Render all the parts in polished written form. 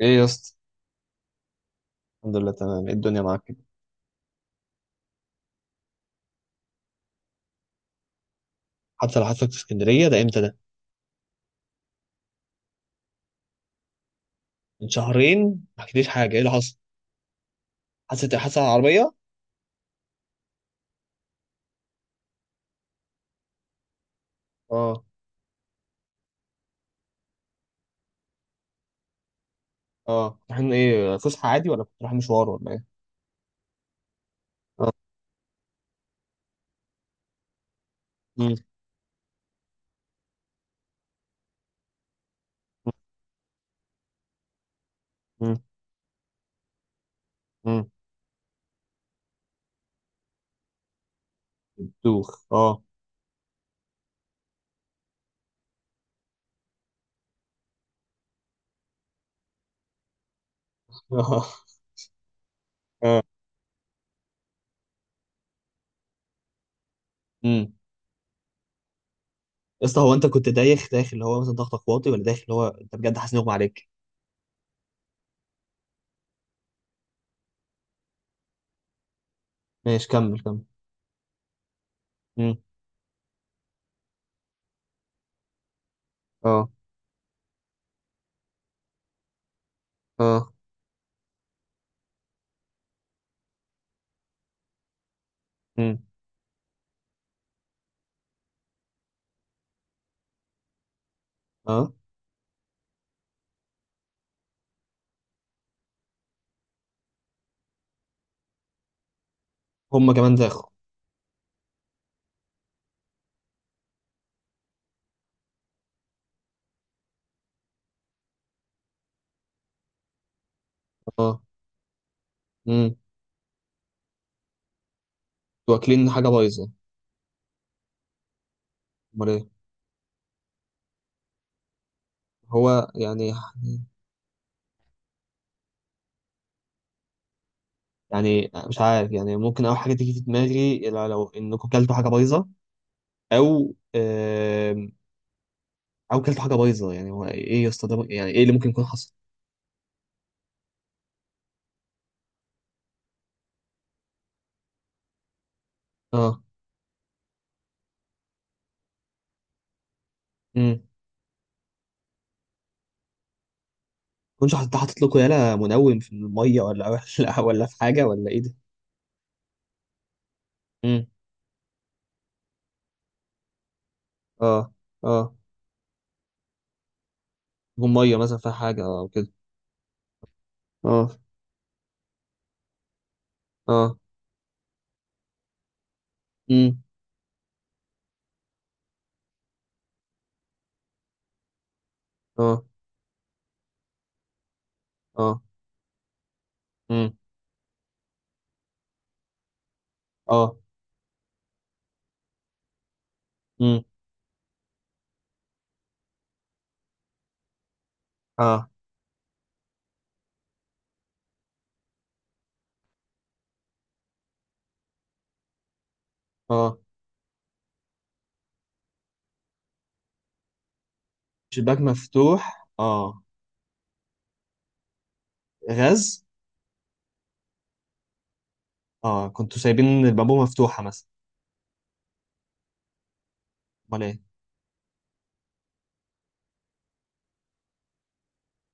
ايه يا اسطى. الحمد لله تمام. ايه الدنيا معاك كده؟ حتى لو حصلت في اسكندريه ده امتى ده؟ من شهرين ما حكيتليش حاجه، ايه اللي حصل؟ حصل على العربيه. اه. اه، رايحين ايه؟ فسحه عادي ولا كنت رايح مشوار ولا ايه؟ اه. امم. امم. امم. دوخ اه. اه. اه. امم. يا اسطى، هو انت كنت دايخ داخل اللي هو مثلا ضغطك واطي، ولا داخل اللي هو انت بجد حاسس ان اغمى عليك؟ ماشي، كمل كمل. امم. اه. اه. امم. اه. هم كمان داخل. اه. امم. واكلين حاجه بايظه؟ امال ايه؟ هو يعني، يعني مش عارف، يعني ممكن اول حاجه تيجي في دماغي لو انكم كلتوا حاجه بايظه، او او كلتوا حاجه بايظه. يعني هو ايه يا اسطى ده؟ يعني ايه اللي ممكن يكون حصل؟ اه. امم. كنتش حاطط لكم يالا منوم في الميه، ولا ولا في حاجه، ولا ايه ده؟ امم. اه. اه. يكون ميه مثلا فيها حاجه او كده. اه. اه. امم. اه. اه. امم. اه. امم. اه. اه، شباك مفتوح اه. غاز. اه، كنتوا سايبين البابو مفتوحه مثلا؟ امال ايه؟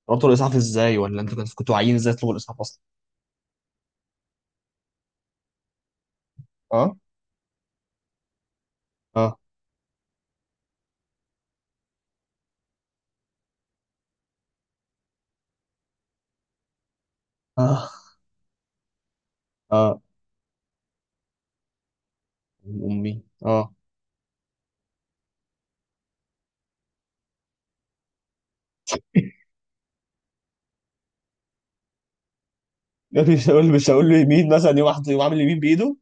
طلبتوا الاسعاف ازاي، ولا انتوا كنتوا عايزين ازاي تطلبوا الاسعاف اصلا؟ اه. اه. اه. اه. امي. اه، يا ابني، مش هقول له يمين مثلا يوم واحد، يوم عامل يمين بايده.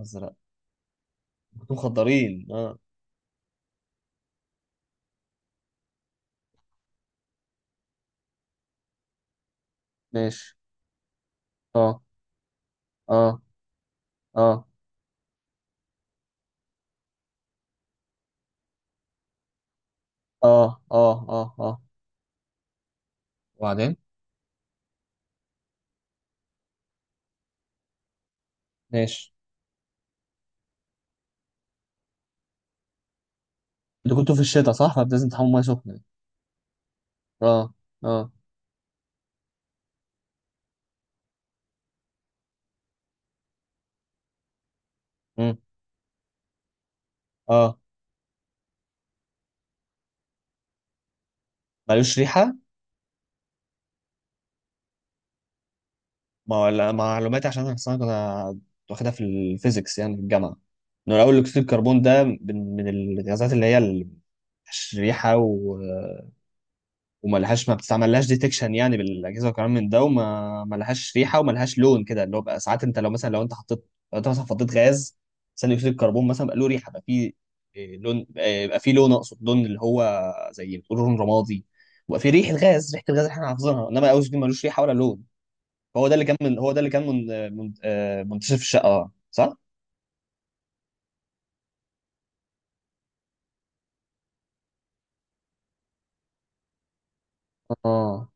ازرق. انتوا مخدرين اه؟ ماشي. اه. اه. اه. اه. اه. اه. اه. وبعدين؟ ماشي. انتوا كنتوا في الشتاء صح؟ فلازم تحموا ميه سخنه. اه. اه. امم. اه. ملوش ريحه. ما ولا معلوماتي، عشان انا أصلاً كنت واخدها في الفيزيكس يعني في الجامعه، انه الاول اكسيد الكربون ده من الغازات اللي هي ريحه وما لهاش، ما بتستعملهاش ديتكشن يعني بالاجهزه وكلام من ده، وما ما لهاش ريحه وما لهاش لون كده، اللي هو بقى ساعات انت لو مثلا، لو انت حطيت، لو انت مثلا حطيت غاز ثاني اكسيد الكربون مثلا بقى له ريحه، بقى فيه لون، بقى فيه لون، اقصد لون اللي هو زي بتقول لون رمادي. وبقى فيه ريحه الغاز، ريحه الغاز اللي احنا حافظينها، انما الاوزيل دي ملوش ريحه ولا لون. هو ده اللي كان من، هو ده اللي كان منتشر في الشقه صح؟ اه.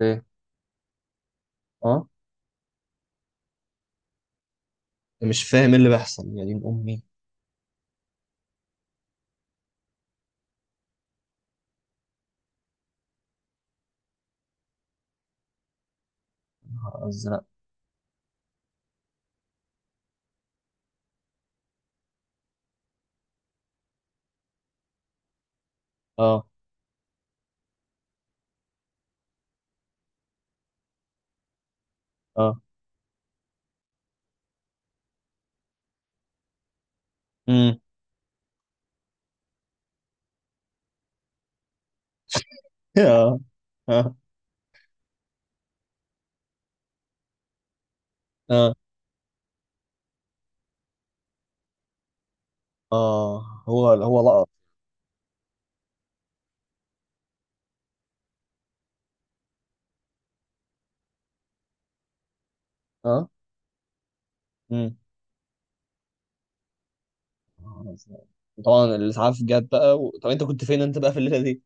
ليه؟ اه. مش فاهم ايه اللي بيحصل يا دين امي. نهار ازرق. اه. اه. إمم. اه. اه. اه. آه. هو لقط. اه. امم. طبعا الاسعاف جت بقى طب انت كنت فين انت بقى في الليله دي؟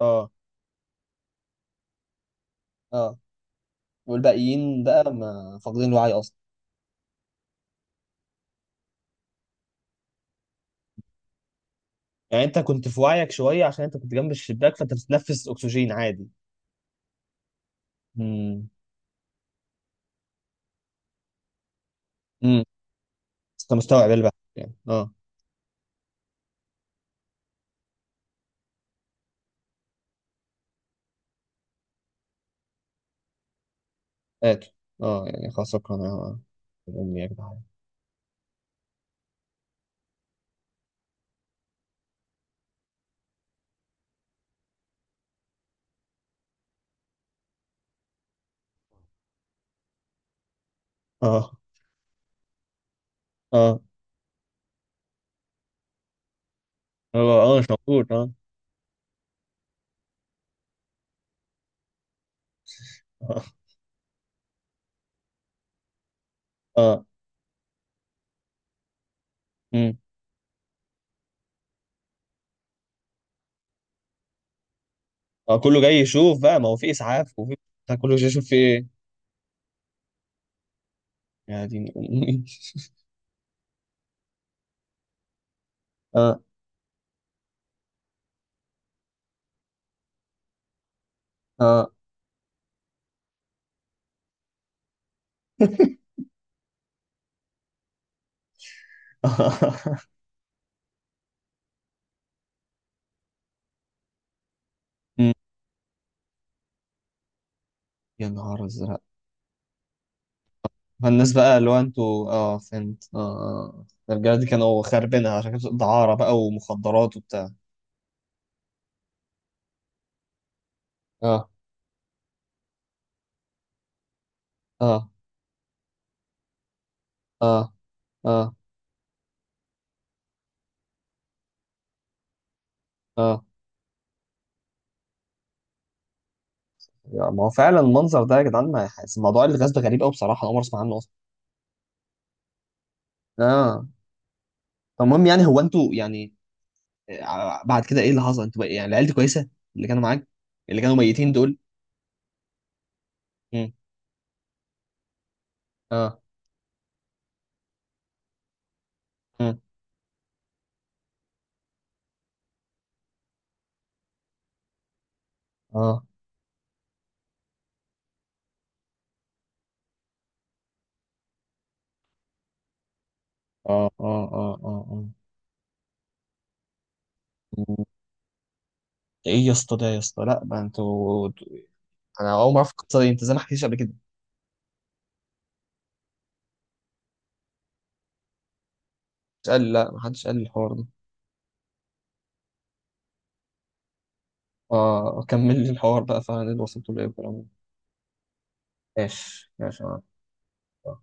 اه. اه. والباقيين بقى ما فاقدين الوعي اصلا. يعني انت كنت في وعيك شويه، عشان انت كنت جنب الشباك فانت بتتنفس اكسجين عادي. امم. امم. انت مستوعب البحث يعني اه؟ اكل. اه، يعني خلاص شكرا. يا امي يا جدعان. اه. اه. هو اه مش موجود اه. اه. امم. اه، كله جاي يشوف بقى، ما هو في اسعاف وفي بتاع. كله جاي يشوف في ايه. يا دين امي. اه. اه. أمم. يا نهار ازرق. فالناس بقى اللي هو انتوا، اه، فهمت، اه. آه. ده الرجاله دي كانوا خاربينها، عشان كانت دعاره بقى ومخدرات وبتاع. اه. اه. اه. اه. اه. يا، ما هو فعلا المنظر ده يا جدعان ما يحس، موضوع الغاز ده غريب قوي بصراحه، انا عمري ما اسمع عنه اصلا. اه. طب المهم يعني هو انتوا يعني، آه، بعد كده ايه اللي حصل انتوا يعني العيال دي كويسه؟ اللي كانوا معاك؟ اللي كانوا ميتين دول؟ مم. اه. مم. اه. اه. اه. اه. اه. اه. ايه يا اسطى ده يا اسطى؟ لا، ما انتوا، انا اول ما اعرف القصه دي، انت زي ما حكيتش قبل كده. مش قال لي، لا، ما حدش قال لي الحوار ده. اه، كمل لي الحوار بقى فعلا، اللي وصلت له ايه والكلام ده. ماشي ماشي. آه.